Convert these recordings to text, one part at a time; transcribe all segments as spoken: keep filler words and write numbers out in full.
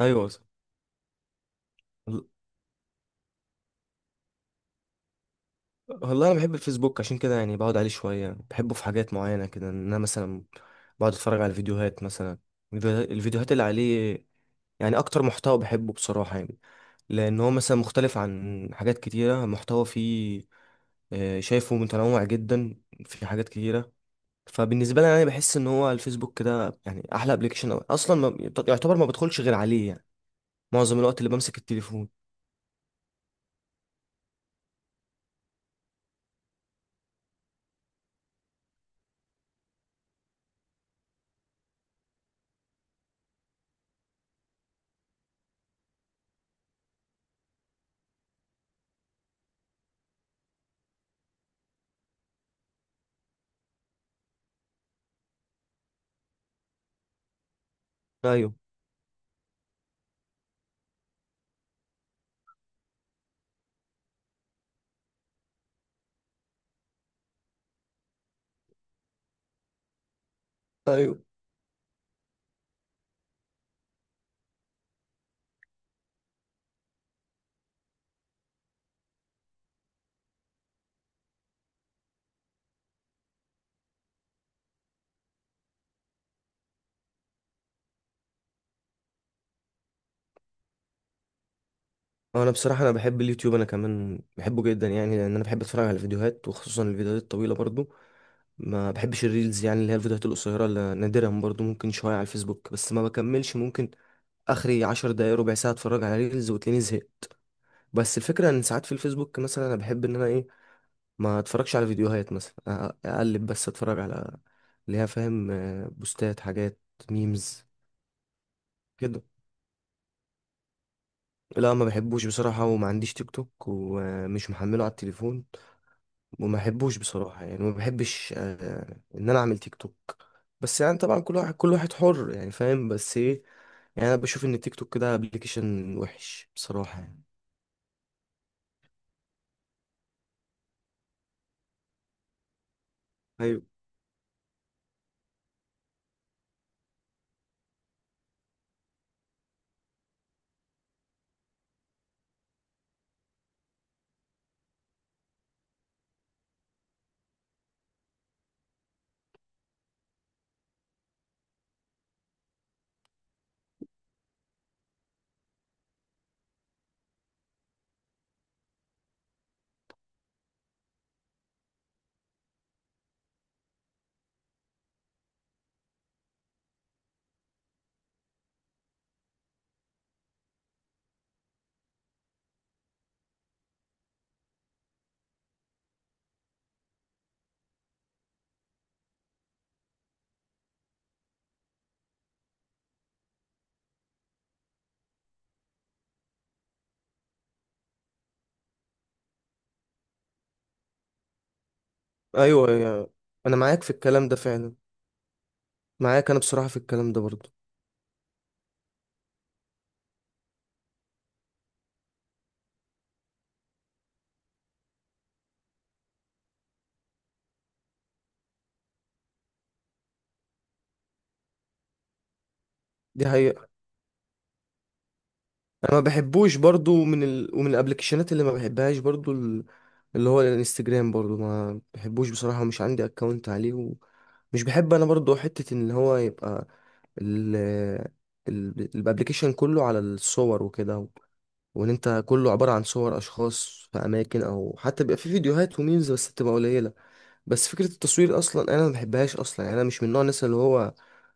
ايوه. وال- والله انا بحب الفيسبوك عشان كده، يعني بقعد عليه شويه، يعني بحبه في حاجات معينه كده، ان انا مثلا بقعد اتفرج على فيديوهات مثلا. الفيديو- الفيديوهات اللي عليه يعني اكتر محتوى بحبه بصراحه يعني، لان هو مثلا مختلف عن حاجات كتيره محتوى فيه. آه، شايفه متنوع جدا، في حاجات كتيره. فبالنسبه لي انا بحس ان هو الفيسبوك ده يعني احلى ابلكيشن اصلا، ما يعتبر ما بدخلش غير عليه يعني معظم الوقت اللي بمسك التليفون. ايوه ايوه، انا بصراحه انا بحب اليوتيوب، انا كمان بحبه جدا يعني، لان انا بحب اتفرج على الفيديوهات، وخصوصا الفيديوهات الطويله برضو. ما بحبش الريلز، يعني اللي هي الفيديوهات القصيره، اللي نادرا برضو ممكن شويه على الفيسبوك بس ما بكملش. ممكن اخري عشر دقايق، ربع ساعه اتفرج على ريلز وتلاقيني زهقت. بس الفكره ان ساعات في الفيسبوك مثلا انا بحب ان انا ايه ما اتفرجش على فيديوهات، مثلا أ- اقلب بس اتفرج على اللي هي، فاهم، آه، بوستات، حاجات، ميمز كده. لا، ما بحبوش بصراحه، وما عنديش تيك توك ومش محمله على التليفون، وما بحبوش بصراحة يعني، ما بحبش آه، ان انا اعمل تيك توك. بس يعني طبعا كل واحد كل واحد حر يعني، فاهم، بس ايه، يعني انا بشوف ان التيك توك ده ابلكيشن وحش بصراحة يعني. ايوه ايوه، يعني انا معاك في الكلام ده فعلا، معاك انا بصراحة في الكلام ده برضو. دي حقيقة. انا ما بحبوش برضو من ال... ومن الابلكيشنات اللي ما بحبهاش برضو ال... اللي هو الانستجرام برضو ما بحبوش بصراحة، ومش عندي اكونت عليه، ومش بحب انا برضو حتة ان هو يبقى الابلكيشن كله على الصور وكده، و- وان انت كله عبارة عن صور اشخاص في اماكن، او حتى بيبقى في فيديوهات وميمز بس بتبقى قليلة. بس فكرة التصوير اصلا انا ما بحبهاش اصلا يعني، انا مش من نوع الناس اللي هو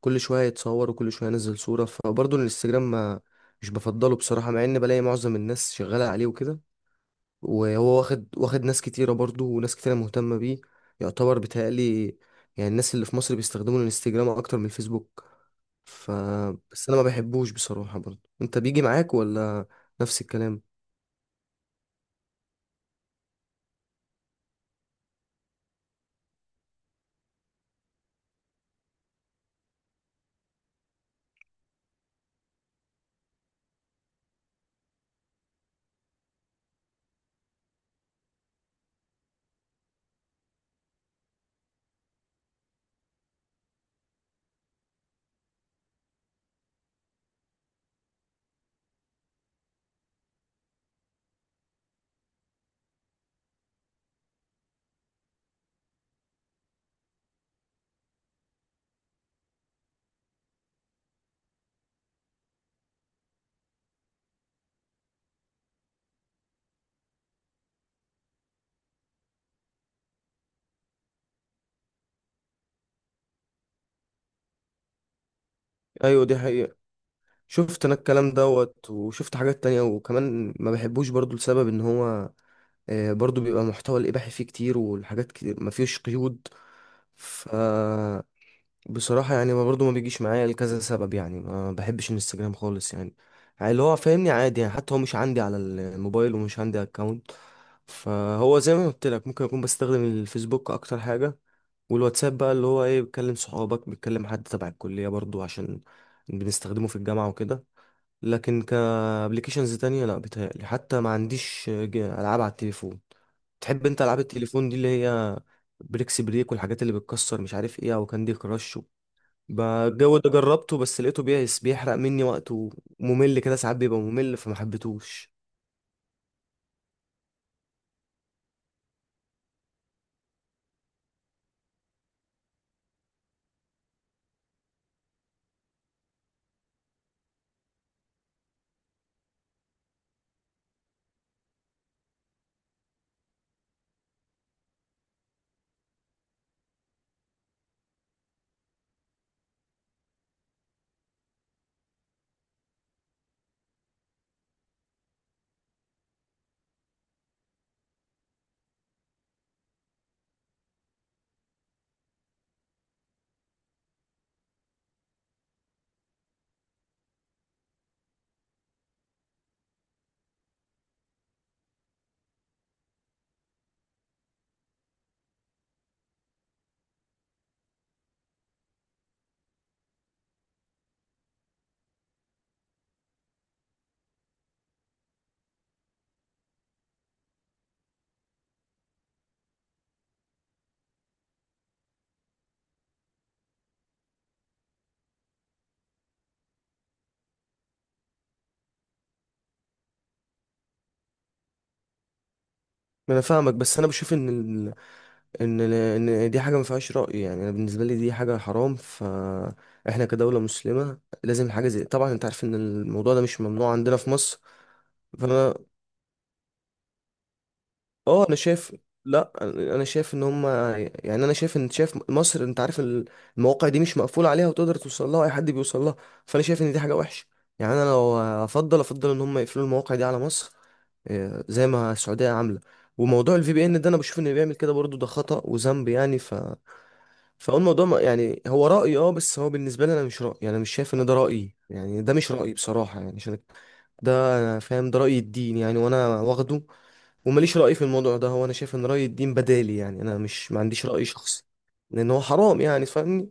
كل شوية يتصور وكل شوية ينزل صورة. فبرضه الانستجرام، ما، مش بفضله بصراحة، مع ان بلاقي معظم الناس شغالة عليه وكده. وهو واخد واخد ناس كتيرة برضه، وناس كتيرة مهتمة بيه، يعتبر بيتهيألي يعني الناس اللي في مصر بيستخدموا الانستجرام اكتر من الفيسبوك. ف، بس انا ما بحبوش بصراحة برضه. انت بيجي معاك ولا نفس الكلام؟ ايوه دي حقيقة. شفت انا الكلام دوت وشفت حاجات تانية، وكمان ما بحبوش برضه لسبب ان هو، آه، برضه بيبقى محتوى الاباحي فيه كتير، والحاجات كتير ما فيهوش قيود. ف، بصراحة يعني ما برضو ما بيجيش معايا لكذا سبب، يعني ما بحبش الانستجرام خالص يعني، يعني اللي هو فاهمني عادي يعني، حتى هو مش عندي على الموبايل ومش عندي اكونت. فهو زي ما قلت لك ممكن اكون بستخدم الفيسبوك اكتر حاجة، والواتساب بقى اللي هو ايه، بتكلم صحابك، بتكلم حد تبع الكلية برضو، عشان بنستخدمه في الجامعة وكده. لكن كابليكيشنز تانية لا، بيتهيألي حتى ما عنديش ج- ألعاب على التليفون. تحب انت ألعاب التليفون دي اللي هي بريكس بريك، والحاجات اللي بتكسر مش عارف ايه، او كاندي كراش بقى؟ الجو ده جربته بس لقيته بيس بيحرق مني وقت، وممل كده ساعات بيبقى ممل فما حبيتهوش. ما انا فاهمك، بس انا بشوف ان ال... ان ال... ان دي حاجه ما فيهاش راي، يعني انا بالنسبه لي دي حاجه حرام، فاحنا كدوله مسلمه لازم حاجه زي، طبعا انت عارف ان الموضوع ده مش ممنوع عندنا في مصر. فانا، اه انا شايف، لا، انا شايف ان هم، يعني انا شايف ان، شايف مصر انت عارف ال- المواقع دي مش مقفوله عليها، وتقدر توصل لها، اي حد بيوصل لها. فانا شايف ان دي حاجه وحشه. يعني انا لو افضل، افضل ان هم يقفلوا المواقع دي على مصر، آه، زي ما السعوديه عامله. وموضوع الفي بي ان ده انا بشوف انه بيعمل كده برضو ده خطأ وذنب يعني. ف، فهو الموضوع ما- يعني هو رأيي، اه، بس هو بالنسبه لي انا مش رأيي يعني، مش شايف ان ده رأيي يعني، ده مش رأيي بصراحه يعني، عشان ده، انا فاهم ده رأي الدين يعني، وانا واخده، ومليش رأي في الموضوع ده، هو انا شايف ان رأي الدين بدالي يعني، انا مش، ما عنديش رأي شخصي، لان هو حرام يعني فاهمني.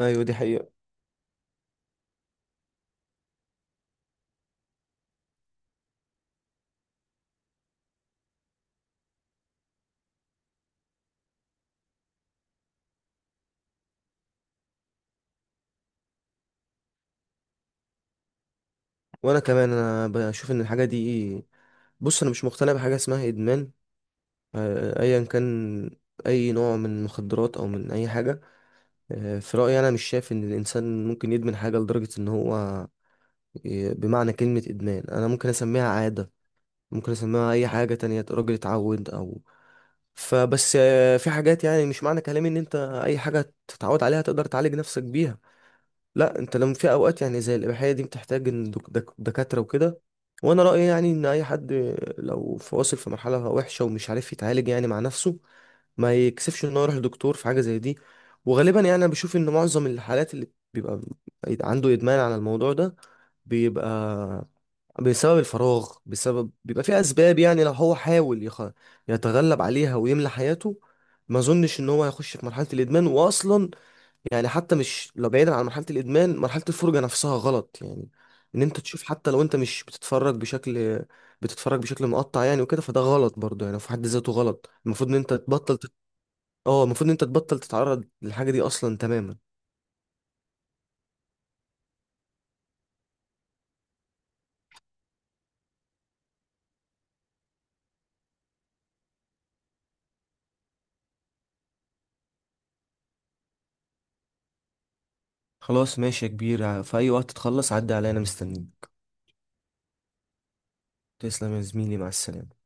ايوه دي حقيقة. وانا كمان انا بشوف ان الحاجة دي، بص انا مش مقتنع بحاجة اسمها ادمان، آه، ايا كان اي نوع من المخدرات او من اي حاجة. آه، في رأيي انا مش شايف ان الانسان ممكن يدمن حاجة لدرجة ان هو ي- بمعنى كلمة ادمان انا ممكن اسميها عادة، ممكن اسميها اي حاجة تانية، راجل اتعود او. فبس آه، في حاجات يعني، مش معنى كلامي ان انت اي حاجه تتعود عليها تقدر تعالج نفسك بيها. لا، انت لما، في اوقات يعني زي الاباحيه دي بتحتاج ان دك- دك- دكاتره وكده. وانا رايي يعني ان اي حد لو في- واصل في مرحله وحشه ومش عارف يتعالج يعني مع نفسه، ما يكسفش انه يروح لدكتور في حاجه زي دي. وغالبا يعني انا بشوف ان معظم الحالات اللي بيبقى عنده ادمان على الموضوع ده، بيبقى بسبب الفراغ، بسبب بيبقى في اسباب يعني، لو هو حاول يخ... يتغلب عليها ويملى حياته، ما اظنش ان هو هيخش في مرحله الادمان واصلا. يعني حتى مش لو بعيدا عن مرحله الادمان، مرحله الفرجه نفسها غلط يعني، ان انت تشوف حتى لو انت مش بتتفرج بشكل، بتتفرج بشكل مقطع يعني وكده، فده غلط برضه يعني في حد ذاته غلط. المفروض ان انت تبطل تت... اه المفروض ان انت تبطل تتعرض للحاجه دي اصلا تماما. خلاص ماشي يا كبير، في اي وقت تخلص عدي عليا انا مستنيك. تسلم يا زميلي، مع السلامه.